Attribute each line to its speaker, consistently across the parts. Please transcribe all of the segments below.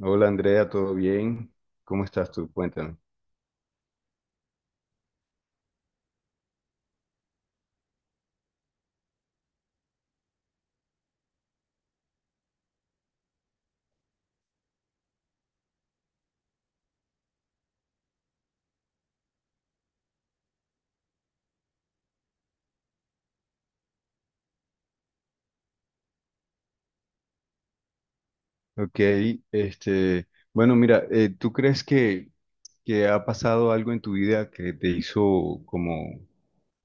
Speaker 1: Hola Andrea, ¿todo bien? ¿Cómo estás tú? Cuéntame. Ok, ¿tú crees que ha pasado algo en tu vida que te hizo como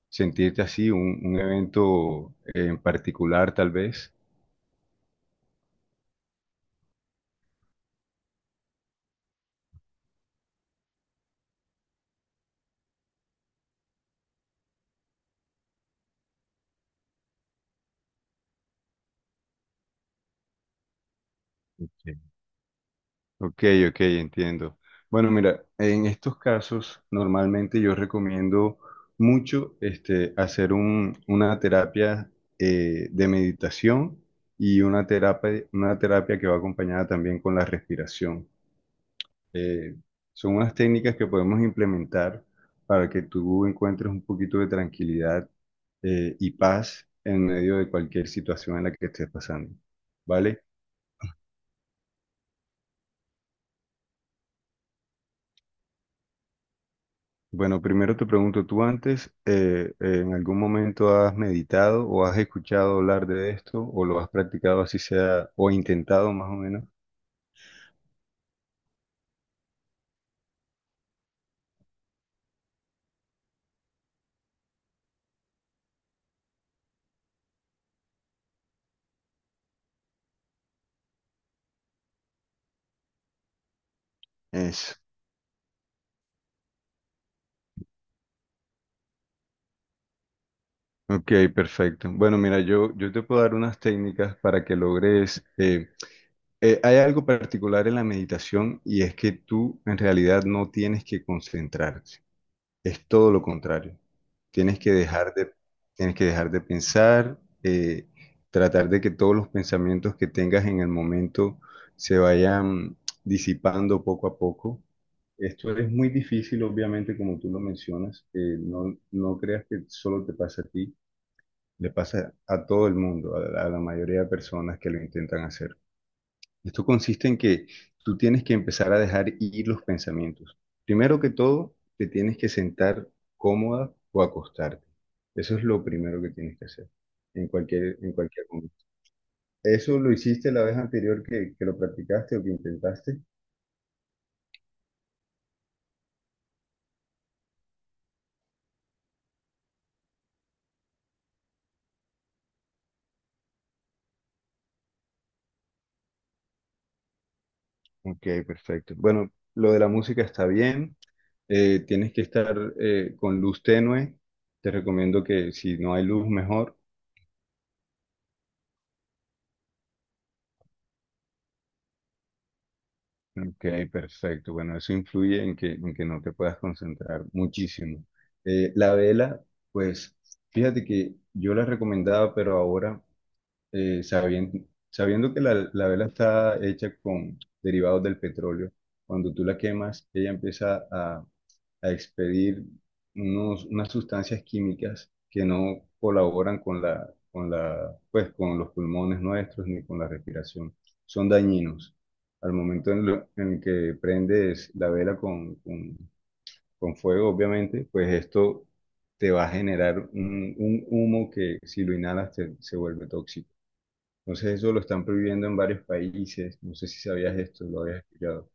Speaker 1: sentirte así, un evento en particular tal vez? Ok. Ok, ok, entiendo. Bueno, mira, en estos casos normalmente yo recomiendo mucho este, hacer una terapia de meditación y una terapia que va acompañada también con la respiración. Eh, son unas técnicas que podemos implementar para que tú encuentres un poquito de tranquilidad y paz en medio de cualquier situación en la que estés pasando, ¿vale? Bueno, primero te pregunto, ¿tú antes en algún momento has meditado o has escuchado hablar de esto o lo has practicado así sea o intentado más o menos? Eso. Ok, perfecto. Bueno, mira, yo te puedo dar unas técnicas para que logres... hay algo particular en la meditación y es que tú en realidad no tienes que concentrarte. Es todo lo contrario. Tienes que dejar de, tienes que dejar de pensar, tratar de que todos los pensamientos que tengas en el momento se vayan disipando poco a poco. Esto es muy difícil, obviamente, como tú lo mencionas. No creas que solo te pasa a ti, le pasa a todo el mundo, a la mayoría de personas que lo intentan hacer. Esto consiste en que tú tienes que empezar a dejar ir los pensamientos. Primero que todo, te tienes que sentar cómoda o acostarte. Eso es lo primero que tienes que hacer en en cualquier momento. ¿Eso lo hiciste la vez anterior que lo practicaste o que intentaste? Ok, perfecto. Bueno, lo de la música está bien. Tienes que estar con luz tenue. Te recomiendo que si no hay luz, mejor. Ok, perfecto. Bueno, eso influye en en que no te puedas concentrar muchísimo. La vela, pues fíjate que yo la recomendaba, pero ahora sabiendo que la vela está hecha con derivados del petróleo, cuando tú la quemas, ella empieza a expedir unas sustancias químicas que no colaboran con la, pues, con los pulmones nuestros ni con la respiración. Son dañinos. Al momento en que prendes la vela con fuego, obviamente, pues esto te va a generar un humo que si lo inhalas se vuelve tóxico. Entonces eso lo están prohibiendo en varios países. No sé si sabías esto, lo habías escuchado.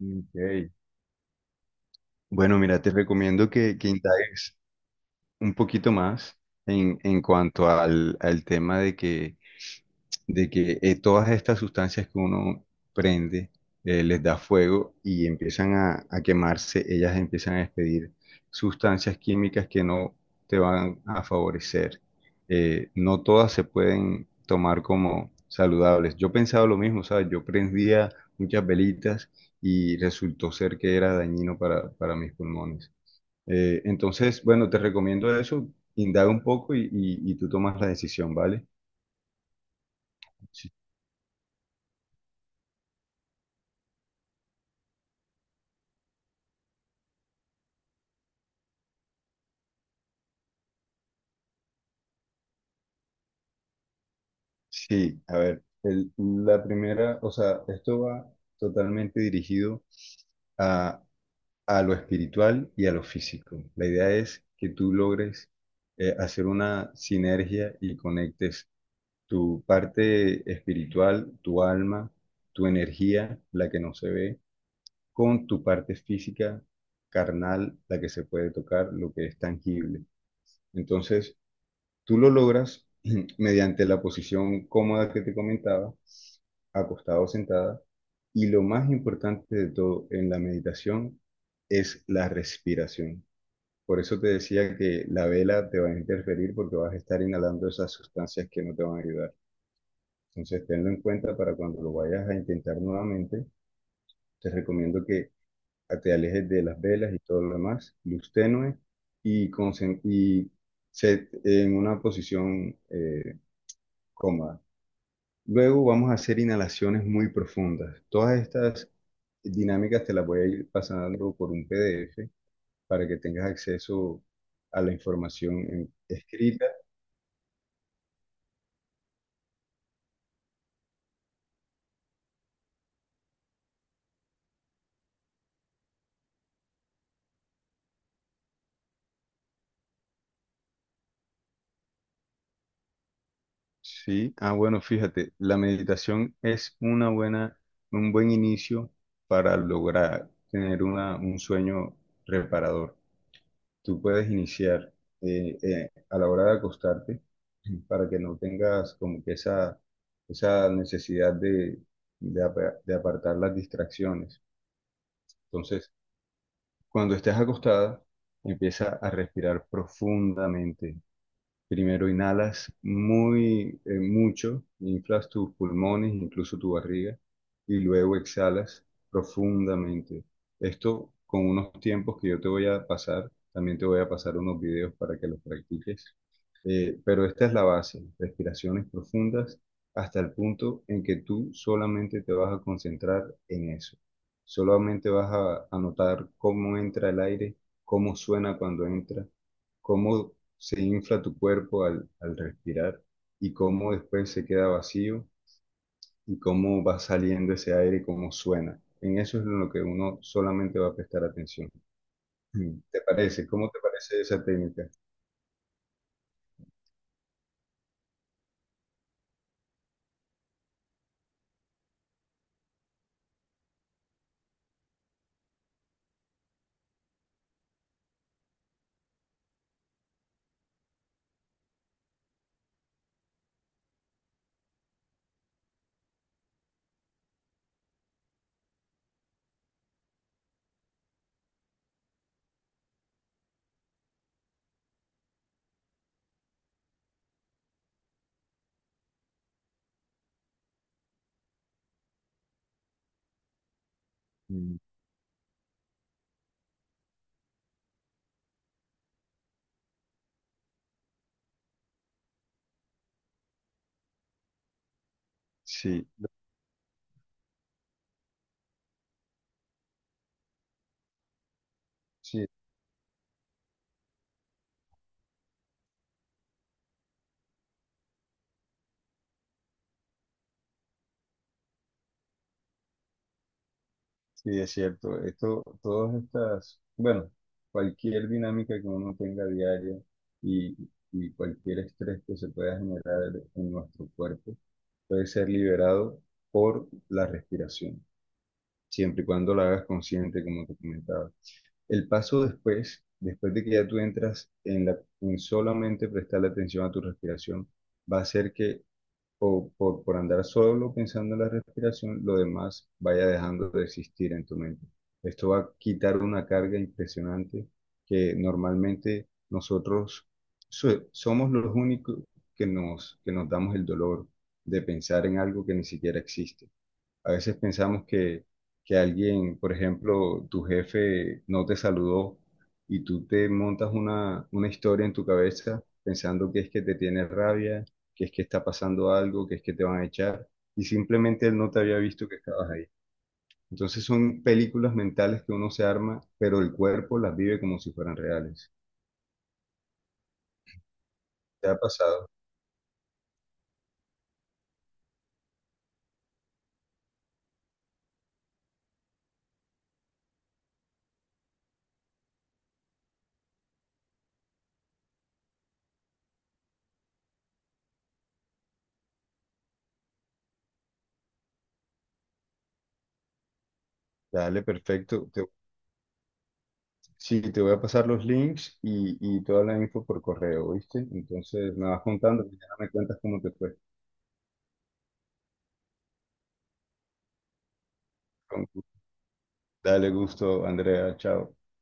Speaker 1: Ok. Bueno, mira, te recomiendo que indagues un poquito más en cuanto al tema de que todas estas sustancias que uno prende les da fuego y empiezan a quemarse, ellas empiezan a despedir sustancias químicas que no te van a favorecer. No todas se pueden tomar como saludables. Yo pensaba lo mismo, ¿sabes? Yo prendía muchas velitas y resultó ser que era dañino para mis pulmones. Entonces, bueno, te recomiendo eso, indaga un poco y tú tomas la decisión, ¿vale? Sí, a ver, la primera, o sea, esto va totalmente dirigido a, a lo espiritual y a lo físico. La idea es que tú logres hacer una sinergia y conectes tu parte espiritual, tu alma, tu energía, la que no se ve, con tu parte física, carnal, la que se puede tocar, lo que es tangible. Entonces, tú lo logras mediante la posición cómoda que te comentaba, acostado o sentada, y lo más importante de todo en la meditación es la respiración. Por eso te decía que la vela te va a interferir porque vas a estar inhalando esas sustancias que no te van a ayudar. Entonces, tenlo en cuenta para cuando lo vayas a intentar nuevamente. Te recomiendo que te alejes de las velas y todo lo demás, luz tenue y en una posición cómoda. Luego vamos a hacer inhalaciones muy profundas. Todas estas dinámicas te las voy a ir pasando por un PDF para que tengas acceso a la información escrita. Sí, ah, bueno, fíjate, la meditación es un buen inicio para lograr tener un sueño reparador. Tú puedes iniciar a la hora de acostarte para que no tengas como que esa necesidad de apartar las distracciones. Entonces, cuando estés acostada, empieza a respirar profundamente. Primero inhalas muy mucho, inflas tus pulmones, incluso tu barriga, y luego exhalas profundamente. Esto con unos tiempos que yo te voy a pasar, también te voy a pasar unos videos para que los practiques. Pero esta es la base, respiraciones profundas hasta el punto en que tú solamente te vas a concentrar en eso. Solamente vas a notar cómo entra el aire, cómo suena cuando entra, cómo se infla tu cuerpo al respirar y cómo después se queda vacío y cómo va saliendo ese aire cómo suena. En eso es en lo que uno solamente va a prestar atención. Mm. ¿Te parece? ¿Cómo te parece esa técnica? Mm. Sí. Sí, sí, es cierto. Esto, todas estas, bueno, cualquier dinámica que uno tenga diaria y, y cualquier estrés que se pueda generar en nuestro cuerpo puede ser liberado por la respiración, siempre y cuando la hagas consciente, como te comentaba. El paso después, después de que ya tú entras en solamente prestarle atención a tu respiración, va a hacer que por andar solo pensando en la respiración, lo demás vaya dejando de existir en tu mente. Esto va a quitar una carga impresionante que normalmente nosotros somos los únicos que nos damos el dolor de pensar en algo que ni siquiera existe. A veces pensamos que alguien, por ejemplo, tu jefe no te saludó y tú te montas una historia en tu cabeza pensando que es que te tiene rabia, que es que está pasando algo, que es que te van a echar y simplemente él no te había visto que estabas ahí. Entonces son películas mentales que uno se arma, pero el cuerpo las vive como si fueran reales. ¿Te ha pasado? Dale, perfecto. Te sí, te voy a pasar los links y toda la info por correo, ¿viste? Entonces me vas contando y ya me cuentas cómo te fue. Con- Dale gusto, Andrea. Chao.